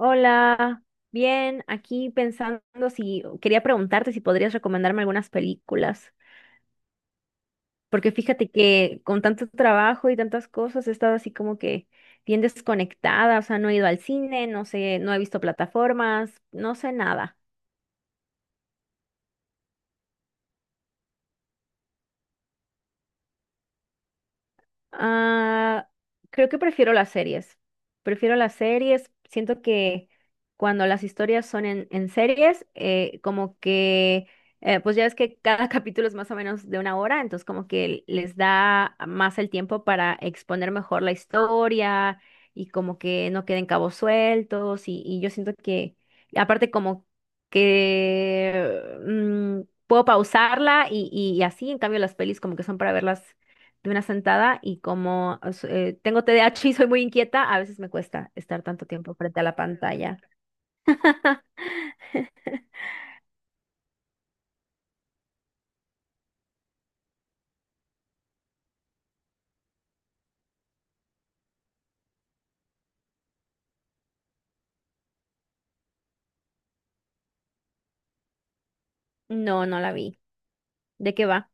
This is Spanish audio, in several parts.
Hola, bien, aquí pensando si quería preguntarte si podrías recomendarme algunas películas, porque fíjate que con tanto trabajo y tantas cosas he estado así como que bien desconectada, o sea, no he ido al cine, no sé, no he visto plataformas, no sé nada. Ah, creo que prefiero las series. Prefiero las series. Siento que cuando las historias son en series, como que, pues ya ves que cada capítulo es más o menos de una hora, entonces como que les da más el tiempo para exponer mejor la historia y como que no queden cabos sueltos. Y yo siento que, aparte como que puedo pausarla y, y así, en cambio las pelis como que son para verlas de una sentada y como o sea, tengo TDAH y soy muy inquieta, a veces me cuesta estar tanto tiempo frente a la pantalla. No, no la vi. ¿De qué va?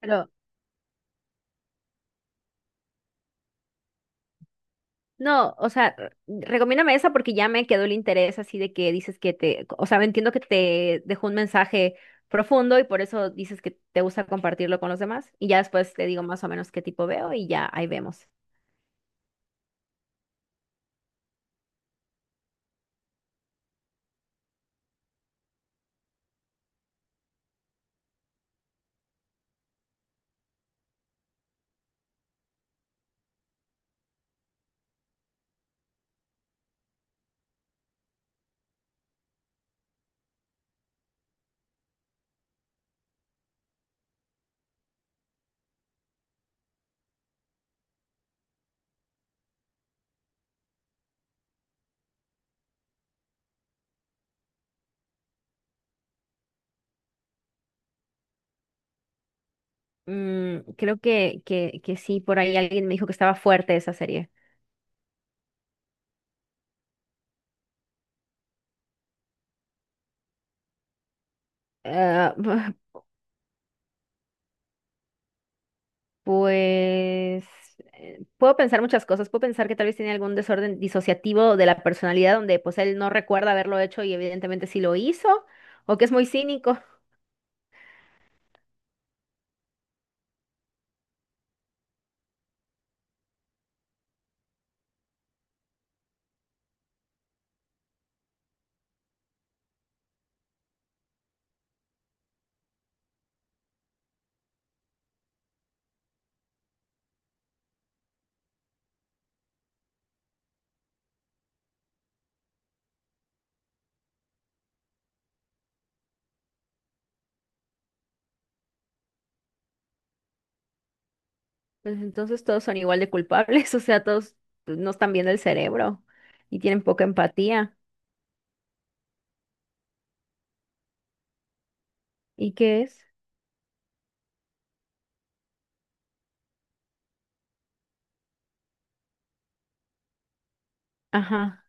Pero no, o sea, recomiéndame esa porque ya me quedó el interés así de que dices que te, o sea, entiendo que te dejó un mensaje profundo y por eso dices que te gusta compartirlo con los demás y ya después te digo más o menos qué tipo veo y ya ahí vemos. Mm, creo que sí, por ahí alguien me dijo que estaba fuerte esa serie. Eh, Pues puedo pensar muchas cosas. Puedo pensar que tal vez tiene algún desorden disociativo de la personalidad donde pues él no recuerda haberlo hecho y evidentemente sí lo hizo, o que es muy cínico. Pues entonces todos son igual de culpables, o sea, todos pues, no están viendo el cerebro y tienen poca empatía. ¿Y qué es? Ajá.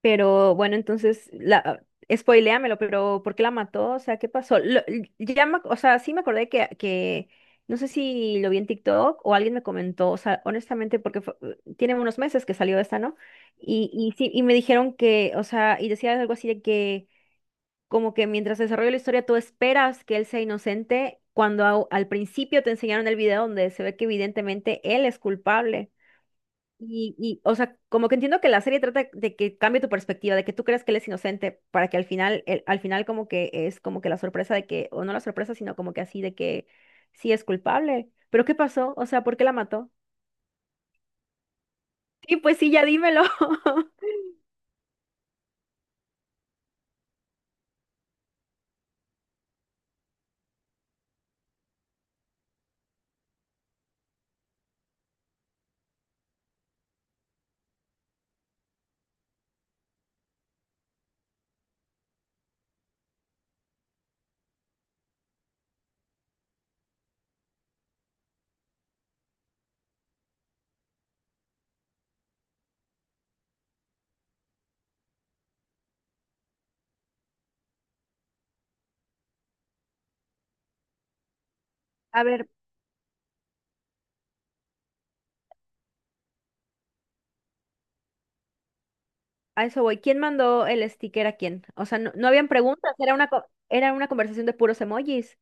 Pero bueno, entonces, la, spoiléamelo, pero ¿por qué la mató? O sea, ¿qué pasó? Ya o sea, sí me acordé no sé si lo vi en TikTok o alguien me comentó, o sea, honestamente, tiene unos meses que salió esta, ¿no? Y sí, y me dijeron que, o sea, y decía algo así de que, como que mientras desarrolla la historia, tú esperas que él sea inocente, cuando al principio te enseñaron el video donde se ve que evidentemente él es culpable. Y, o sea, como que entiendo que la serie trata de que cambie tu perspectiva, de que tú creas que él es inocente, para que al final, al final como que es como que la sorpresa de que, o no la sorpresa, sino como que así de que sí es culpable. Pero ¿qué pasó? O sea, ¿por qué la mató? Sí, pues sí, ya dímelo. A ver, a eso voy. ¿Quién mandó el sticker a quién? O sea, no, no habían preguntas, era era una conversación de puros emojis.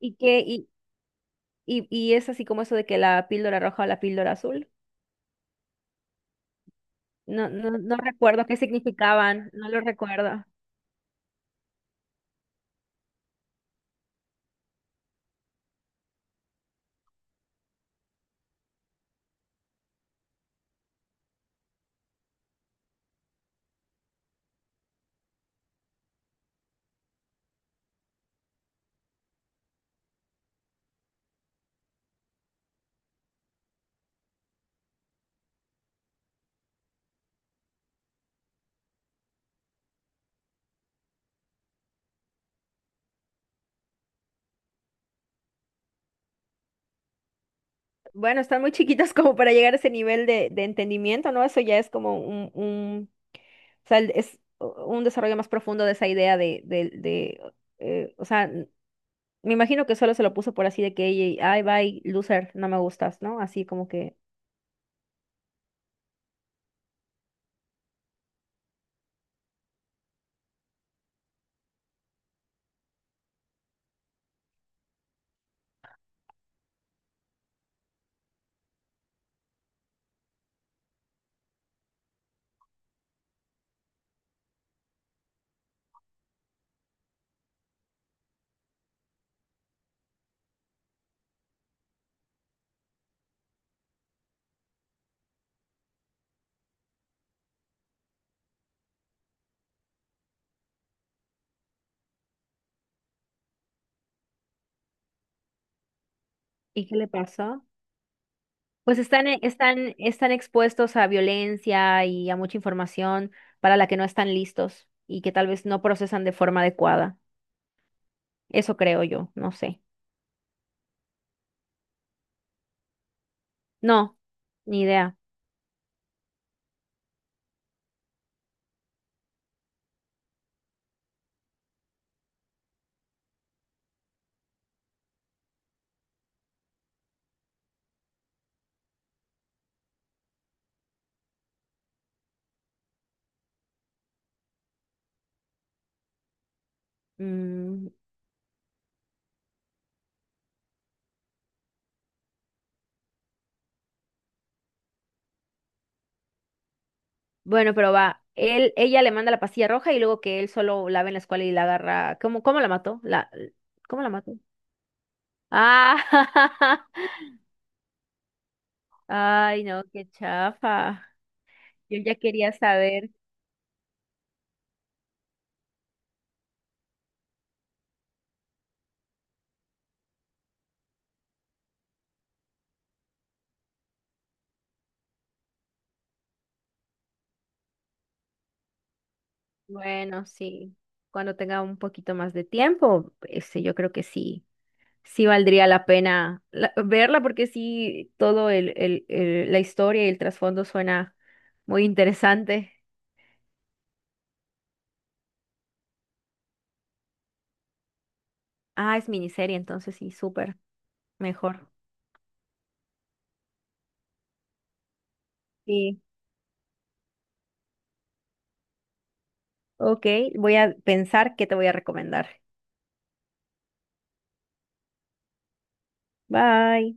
¿Y qué? Y es así como eso de que la píldora roja o la píldora azul. No, no, no recuerdo qué significaban, no lo recuerdo. Bueno, están muy chiquitas como para llegar a ese nivel de entendimiento, ¿no? Eso ya es como o sea, es un desarrollo más profundo de esa idea de, o sea, me imagino que solo se lo puso por así de que, "Ey, ay, bye, loser, no me gustas, ¿no? Así como que, ¿y qué le pasó? Pues están, están, están expuestos a violencia y a mucha información para la que no están listos y que tal vez no procesan de forma adecuada. Eso creo yo, no sé. No, ni idea. Mm, bueno, pero va. Él, ella le manda la pastilla roja y luego que él solo la ve en la escuela y la agarra. ¿Cómo, cómo la mató? La, ¿cómo la mató? Ah, ay, no, qué chafa. Yo ya quería saber. Bueno, sí. Cuando tenga un poquito más de tiempo, este, yo creo que sí, sí valdría la pena verla porque sí, todo el, la historia y el trasfondo suena muy interesante. Ah, es miniserie, entonces sí, súper mejor. Sí. Ok, voy a pensar qué te voy a recomendar. Bye.